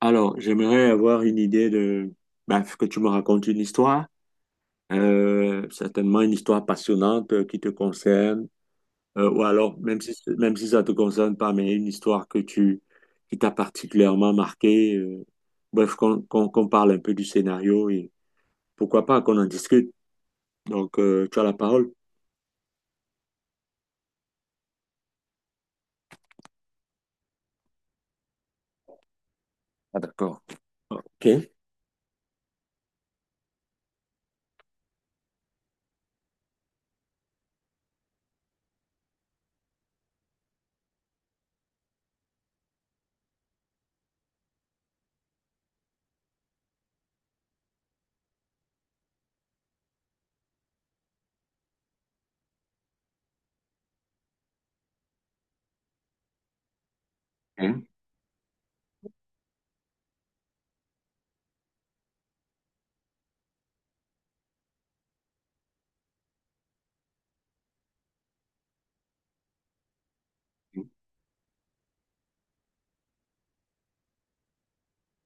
Alors, j'aimerais avoir une idée de... bah, que tu me racontes une histoire, certainement une histoire passionnante qui te concerne, ou alors, même si ça te concerne pas, mais une histoire qui t'a particulièrement marqué. Bref, qu'on parle un peu du scénario et pourquoi pas qu'on en discute. Donc, tu as la parole. Ah, d'accord. OK. Ok,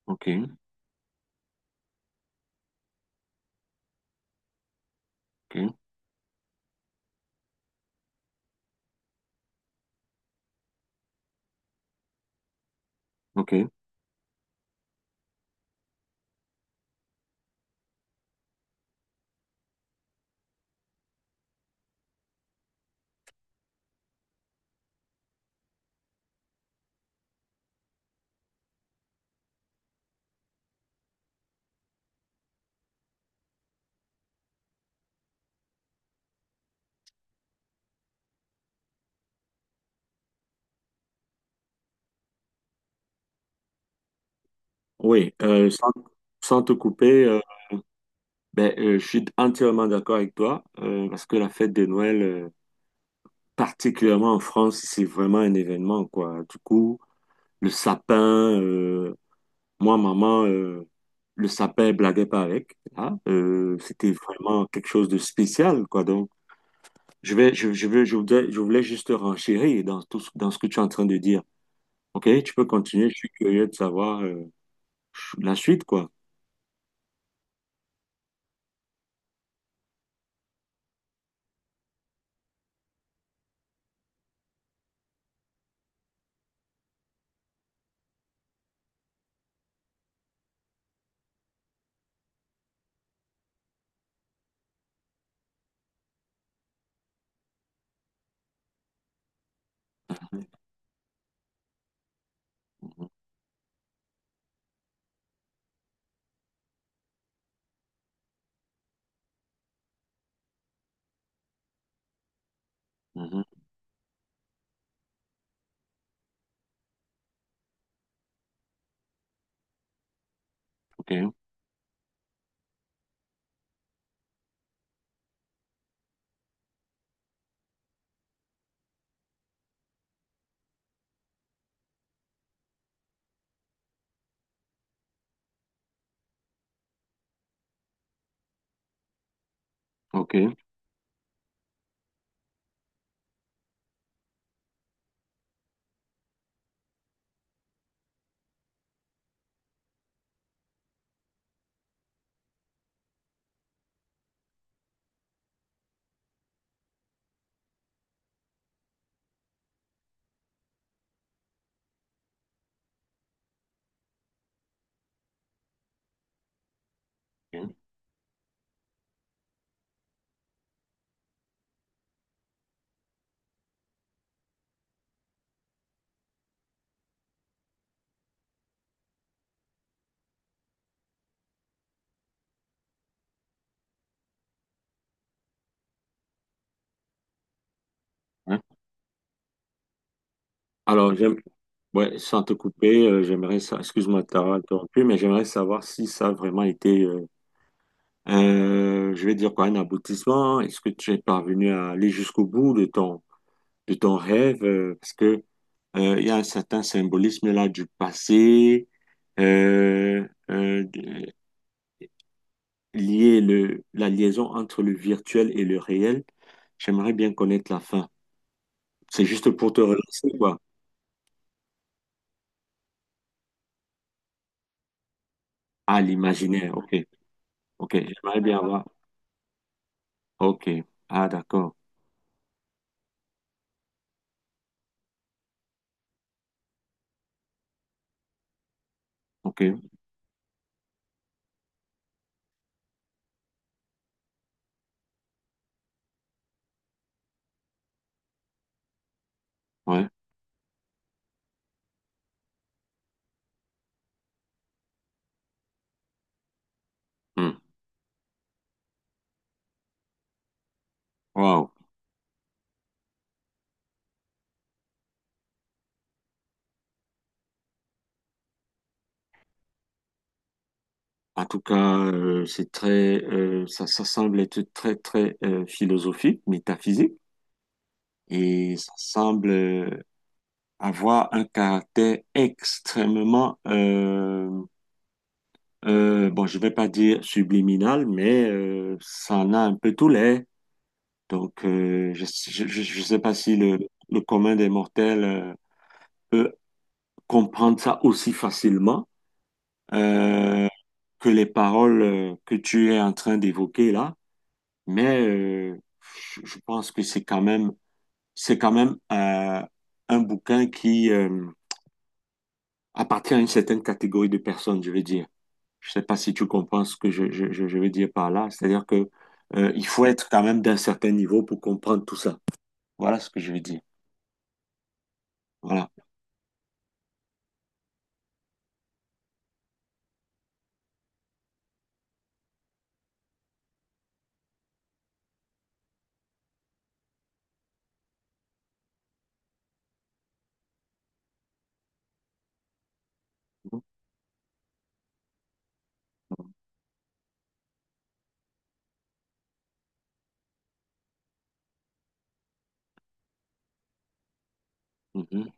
ok, ok, ok. Oui, sans te couper. Ben, je suis entièrement d'accord avec toi, parce que la fête de Noël, particulièrement en France, c'est vraiment un événement, quoi. Du coup, le sapin, moi, maman, le sapin, elle blaguait pas avec, hein. C'était vraiment quelque chose de spécial, quoi. Donc, je vais, je veux, je voudrais, je voulais juste renchérir dans dans ce que tu es en train de dire. OK, tu peux continuer, je suis curieux de savoir, la suite, quoi. Mhm, mhm, OK, OK. OK. Alors, j'aime, ouais, sans te couper, j'aimerais ça, excuse-moi de t'avoir interrompu, mais j'aimerais savoir si ça a vraiment été, je vais dire quoi, un aboutissement. Est-ce que tu es parvenu à aller jusqu'au bout de de ton rêve? Parce que, il y a un certain symbolisme là du passé, euh, euh, de- lié la liaison entre le virtuel et le réel. J'aimerais bien connaître la fin. C'est juste pour te relancer, quoi. Ah, l'imaginaire, ok, ok. J'aimerais bien avoir. Ok. Ah, d'accord. Ok. Ouais. Hmm. Wow. En tout cas, c'est ça, ça semble être très, très philosophique, métaphysique, et ça semble avoir un caractère extrêmement, bon, je vais pas dire subliminal, mais ça en a un peu tous les. Donc, je sais pas si le commun des mortels peut comprendre ça aussi facilement. Euh, que les paroles que tu es en train d'évoquer là, mais je pense que c'est quand même un bouquin qui appartient à une certaine catégorie de personnes, je veux dire. Je sais pas si tu comprends ce que je veux dire par là, c'est-à-dire que il faut être quand même d'un certain niveau pour comprendre tout ça. Voilà ce que je veux dire. Voilà. Mhm.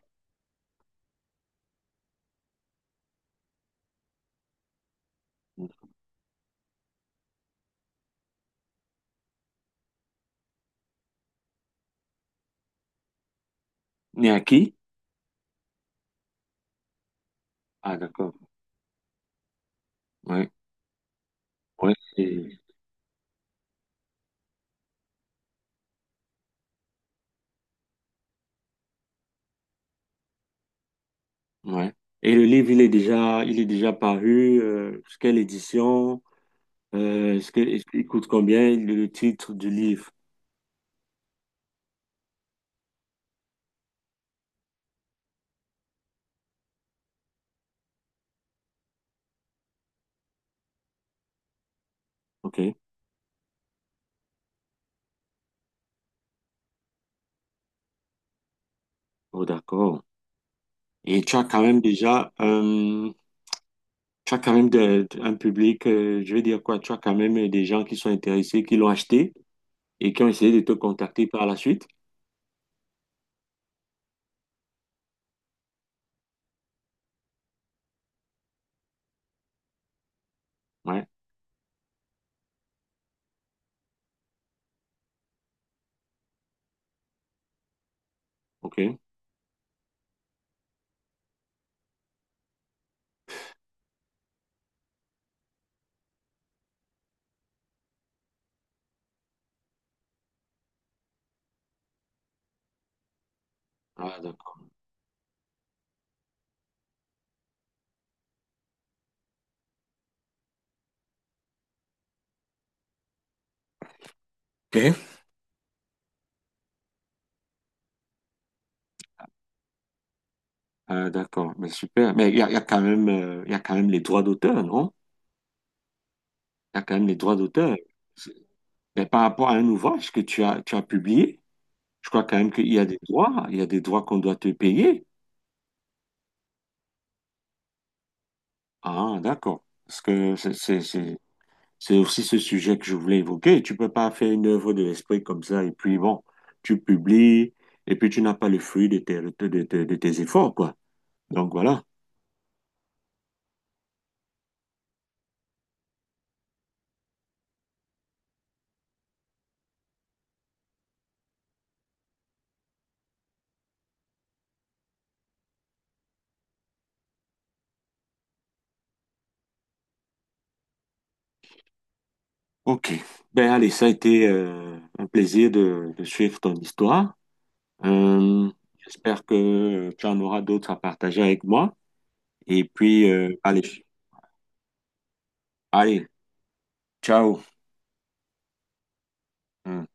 Né à qui? Ah, d'accord. Oui. Ouais, c'est- ouais. Et le livre, il est déjà paru. Quelle édition? Est-ce qu'il coûte combien le titre du livre? Ok. Oh, d'accord. Et tu as quand même déjà, tu as quand même un public, je vais dire quoi, tu as quand même des gens qui sont intéressés, qui l'ont acheté et qui ont essayé de te contacter par la suite. Ouais. Ok. Ah, d'accord. Ok. Ah, d'accord. Mais super. Mais il y a quand même, il y a quand même les droits d'auteur, non? Il y a quand même les droits d'auteur. C'est- mais par rapport à un ouvrage que tu as publié, je crois quand même qu'il y a des droits, il y a des droits qu'on doit te payer. Ah, d'accord. Parce que c'est aussi ce sujet que je voulais évoquer. Tu peux pas faire une œuvre de l'esprit comme ça et puis bon, tu publies et puis tu n'as pas le fruit de tes efforts, quoi. Donc voilà. OK. Ben allez, ça a été un plaisir de suivre ton histoire. Euh, J'espère que tu en auras d'autres à partager avec moi. Et puis, allez, ciao. Hum.